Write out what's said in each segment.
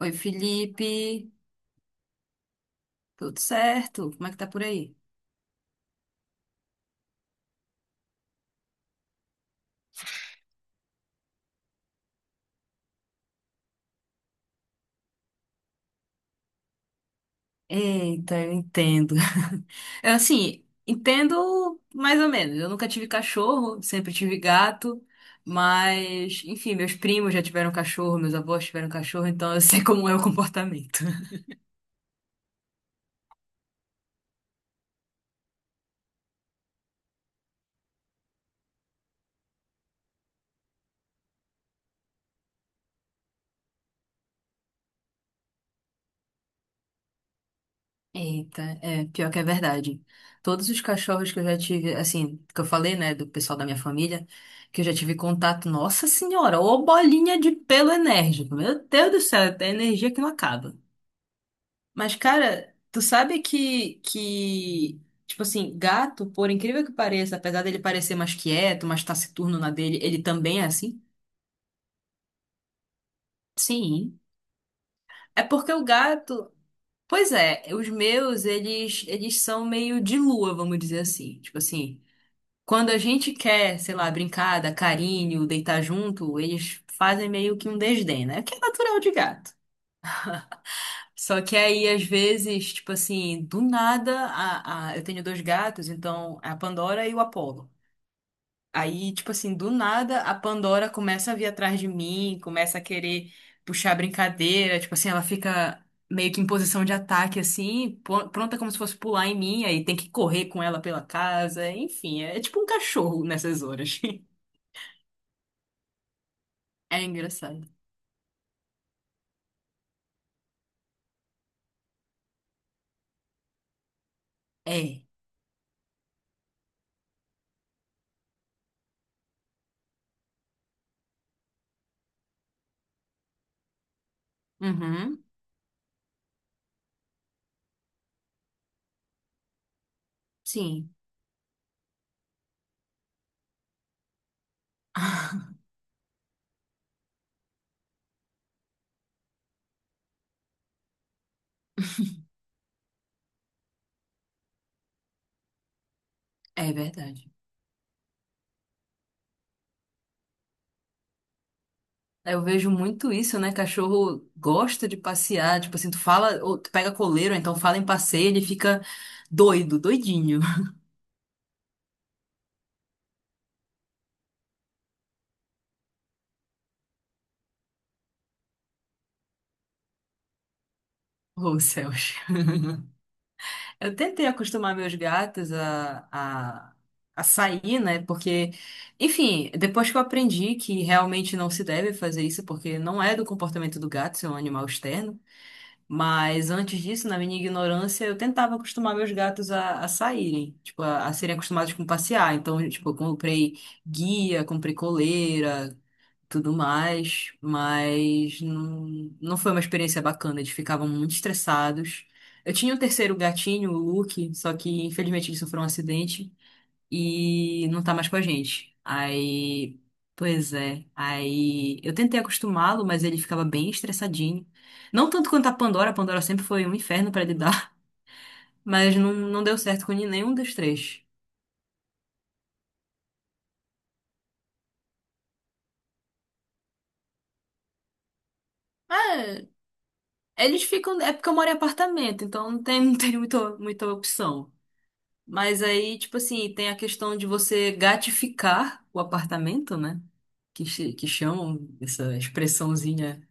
Oi, Felipe. Tudo certo? Como é que tá por aí? Eita, eu entendo. Eu, assim, entendo mais ou menos. Eu nunca tive cachorro, sempre tive gato. Mas, enfim, meus primos já tiveram cachorro, meus avós tiveram cachorro, então eu sei como é o comportamento. Eita, é, pior que é verdade. Todos os cachorros que eu já tive, assim, que eu falei, né, do pessoal da minha família, que eu já tive contato, nossa senhora, ô bolinha de pelo enérgico. Meu Deus do céu, é energia que não acaba. Mas, cara, tu sabe que, tipo assim, gato, por incrível que pareça, apesar dele parecer mais quieto, mais taciturno na dele, ele também é assim? Sim. É porque o gato. Pois é, os meus, eles são meio de lua, vamos dizer assim. Tipo assim, quando a gente quer, sei lá, brincar, dar carinho, deitar junto, eles fazem meio que um desdém, né? Que é natural de gato. Só que aí, às vezes, tipo assim, do nada, eu tenho dois gatos, então é a Pandora e o Apollo. Aí, tipo assim, do nada, a Pandora começa a vir atrás de mim, começa a querer puxar brincadeira, tipo assim, ela fica meio que em posição de ataque, assim, pronta como se fosse pular em mim, aí tem que correr com ela pela casa, enfim, é tipo um cachorro nessas horas. É engraçado. É. Uhum. Sim. É verdade. Eu vejo muito isso, né? Cachorro gosta de passear, tipo assim, tu fala, ou tu pega coleiro, ou então fala em passeio, ele fica doido, doidinho. Oh, céus. Eu tentei acostumar meus gatos a sair, né? Porque, enfim, depois que eu aprendi que realmente não se deve fazer isso, porque não é do comportamento do gato ser um animal externo. Mas antes disso, na minha ignorância, eu tentava acostumar meus gatos a saírem, tipo, a serem acostumados com passear. Então, tipo, eu comprei guia, comprei coleira, tudo mais, mas não, não foi uma experiência bacana, eles ficavam muito estressados. Eu tinha um terceiro gatinho, o Luke, só que infelizmente ele sofreu um acidente e não tá mais com a gente. Aí, pois é. Aí eu tentei acostumá-lo, mas ele ficava bem estressadinho. Não tanto quanto a Pandora sempre foi um inferno pra lidar, mas não, não deu certo com nenhum dos três. É, eles ficam. É porque eu moro em apartamento, então não tem, não tem muita, muita opção. Mas aí, tipo assim, tem a questão de você gatificar o apartamento, né? Que, que chamam essa expressãozinha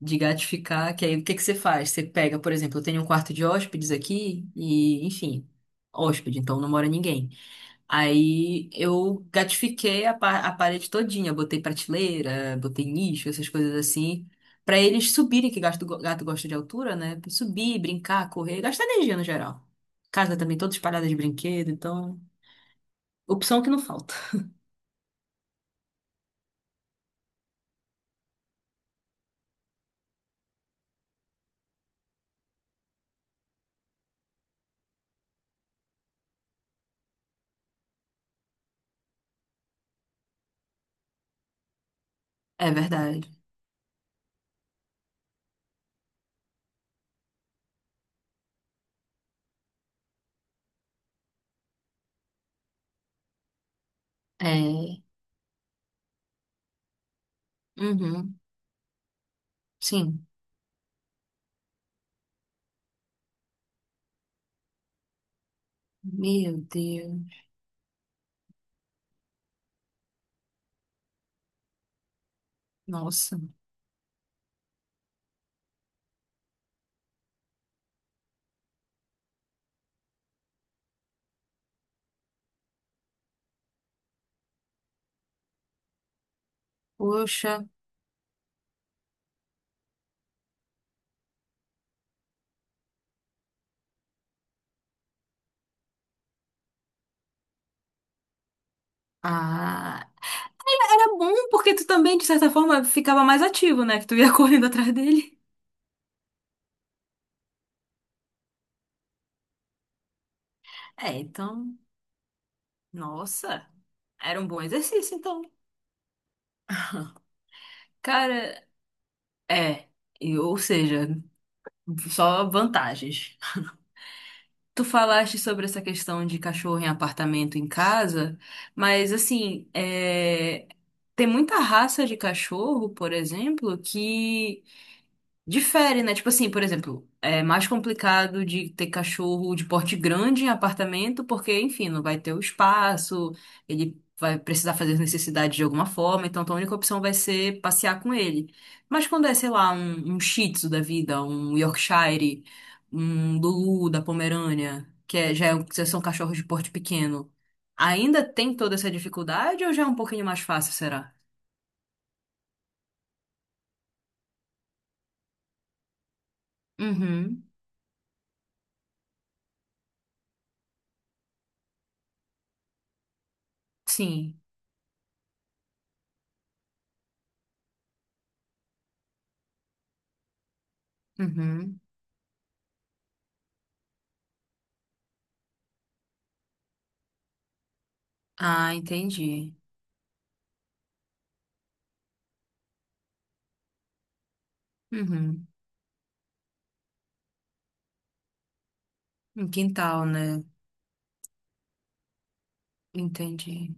de gatificar, que aí o que que você faz? Você pega, por exemplo, eu tenho um quarto de hóspedes aqui e, enfim, hóspede, então não mora ninguém. Aí eu gatifiquei a, a parede todinha, botei prateleira, botei nicho, essas coisas assim, pra eles subirem, que gato, gato gosta de altura, né? Subir, brincar, correr, gastar energia no geral. Casa também toda espalhada de brinquedo, então opção que não falta. É verdade. É. Uhum. Sim. Meu Deus. Nossa. Poxa. Ah, era bom porque tu também, de certa forma, ficava mais ativo, né? Que tu ia correndo atrás dele. É, então, nossa, era um bom exercício, então. Cara, é, ou seja, só vantagens. Tu falaste sobre essa questão de cachorro em apartamento em casa, mas assim, é, tem muita raça de cachorro, por exemplo, que Difere, né? Tipo assim, por exemplo, é mais complicado de ter cachorro de porte grande em apartamento, porque, enfim, não vai ter o espaço, ele vai precisar fazer as necessidades de alguma forma, então a única opção vai ser passear com ele. Mas quando é, sei lá, um Shih Tzu da vida, um Yorkshire, um Lulu da Pomerânia, que é, já são cachorros de porte pequeno, ainda tem toda essa dificuldade ou já é um pouquinho mais fácil, será? Uhum, sim. Uhum. Ah, entendi. Uhum. Um quintal, né? Entendi.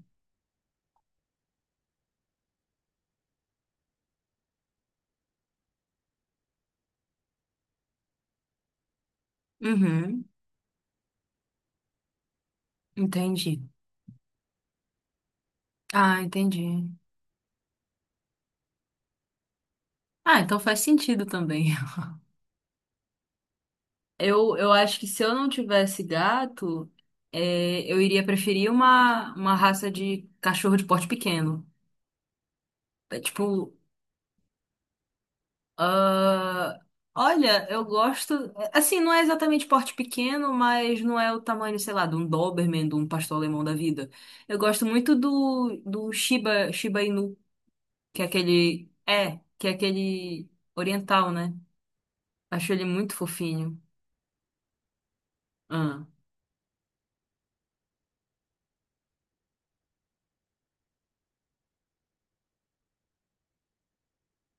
Uhum. Entendi. Ah, entendi. Ah, então faz sentido também. Eu acho que se eu não tivesse gato, é, eu iria preferir uma raça de cachorro de porte pequeno. É, tipo, ah, olha, eu gosto. Assim, não é exatamente porte pequeno, mas não é o tamanho, sei lá, de um Doberman, de um pastor alemão da vida. Eu gosto muito do, do Shiba, Shiba Inu. Que é aquele. É, que é aquele oriental, né? Acho ele muito fofinho. Ah,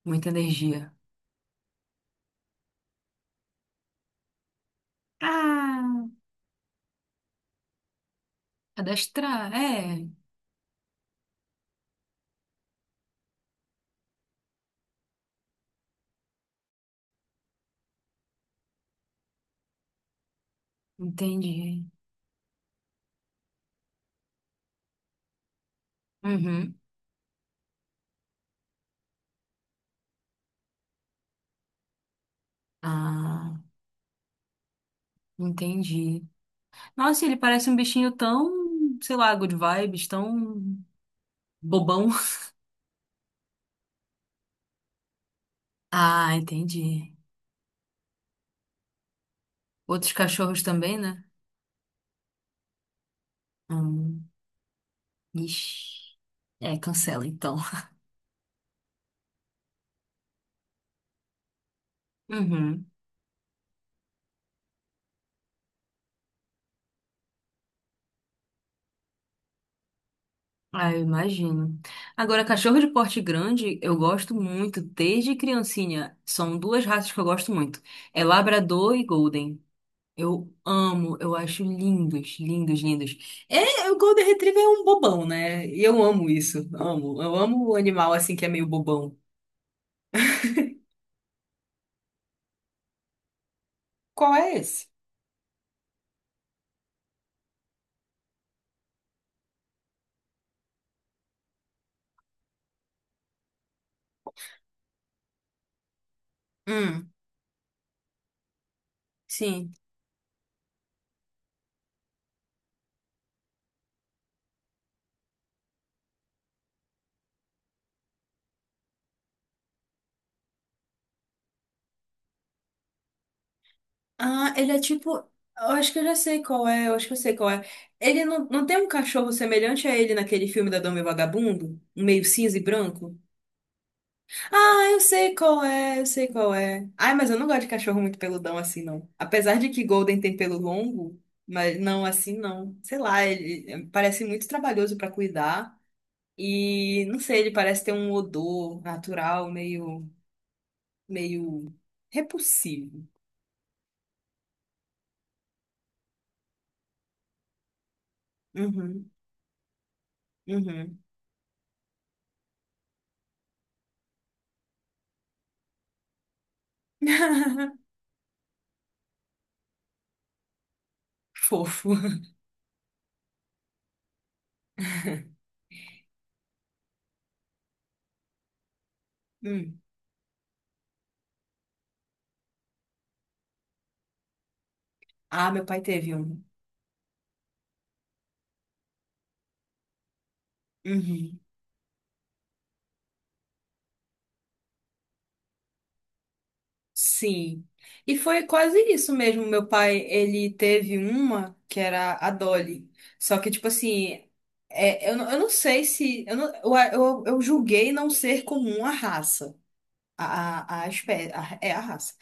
muita energia. Ah, adestrar, é. Entendi. Uhum. Ah, entendi. Nossa, ele parece um bichinho tão, sei lá, good vibes, tão bobão. Ah, entendi. Outros cachorros também, né? Hum, ixi. É, cancela então. Uhum. Ah, eu imagino. Agora, cachorro de porte grande, eu gosto muito desde criancinha. São duas raças que eu gosto muito. É Labrador e Golden. Eu amo, eu acho lindos, lindos, lindos. É, o Golden Retriever é um bobão, né? E eu amo isso. Amo. Eu amo o animal assim que é meio bobão. Qual é esse? Hum, sim. Ah, ele é tipo. Eu acho que eu já sei qual é, eu acho que eu sei qual é. Ele não, não tem um cachorro semelhante a ele naquele filme da Dama e o Vagabundo? Um meio cinza e branco? Ah, eu sei qual é, eu sei qual é. Ai, mas eu não gosto de cachorro muito peludão assim, não. Apesar de que Golden tem pelo longo, mas não assim, não. Sei lá, ele é, parece muito trabalhoso pra cuidar. E não sei, ele parece ter um odor natural meio, meio repulsivo. Uhum, uhum. Fofo. Hum. Ah, meu pai teve um. Uhum. Sim. E foi quase isso mesmo. Meu pai, ele teve uma que era a Dolly. Só que, tipo assim, é, eu, eu não sei se. Eu, eu julguei não ser comum a raça. A espécie. É a raça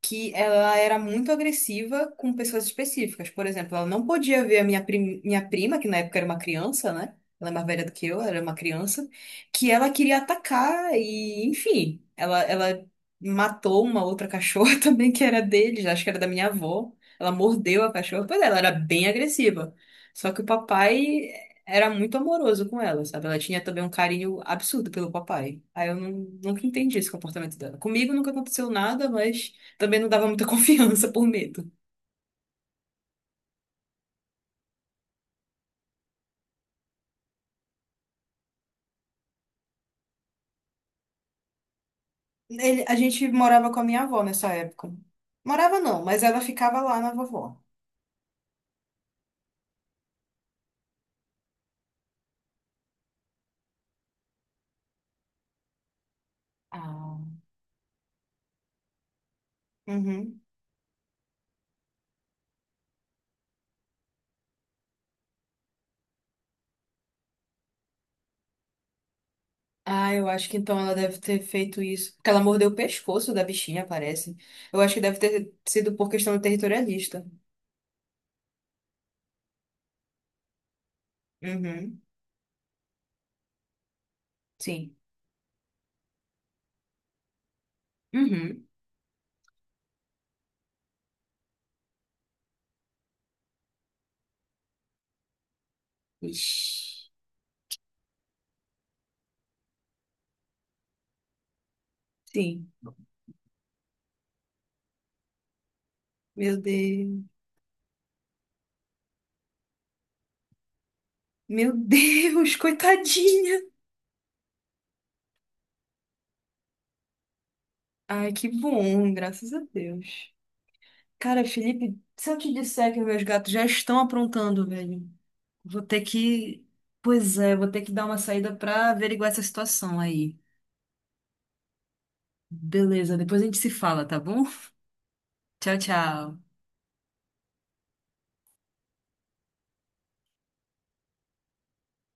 que ela era muito agressiva com pessoas específicas. Por exemplo, ela não podia ver a minha, minha prima, que na época era uma criança, né? Ela é mais velha do que eu, era uma criança, que ela queria atacar e, enfim, ela matou uma outra cachorra também que era deles, acho que era da minha avó. Ela mordeu a cachorra, pois é, ela era bem agressiva. Só que o papai era muito amoroso com ela, sabe? Ela tinha também um carinho absurdo pelo papai. Aí eu não- nunca entendi esse comportamento dela. Comigo nunca aconteceu nada, mas também não dava muita confiança por medo. Ele- a gente morava com a minha avó nessa época. Morava não, mas ela ficava lá na vovó. Ah. Uhum. Ah, eu acho que então ela deve ter feito isso. Porque ela mordeu o pescoço da bichinha, parece. Eu acho que deve ter sido por questão territorialista. Uhum. Sim. Uhum. Ixi. Sim. Meu Deus. Meu Deus, coitadinha. Ai, que bom, graças a Deus. Cara, Felipe, se eu te disser que meus gatos já estão aprontando, velho, vou ter que. Pois é, vou ter que dar uma saída pra averiguar essa situação aí. Beleza, depois a gente se fala, tá bom? Tchau, tchau.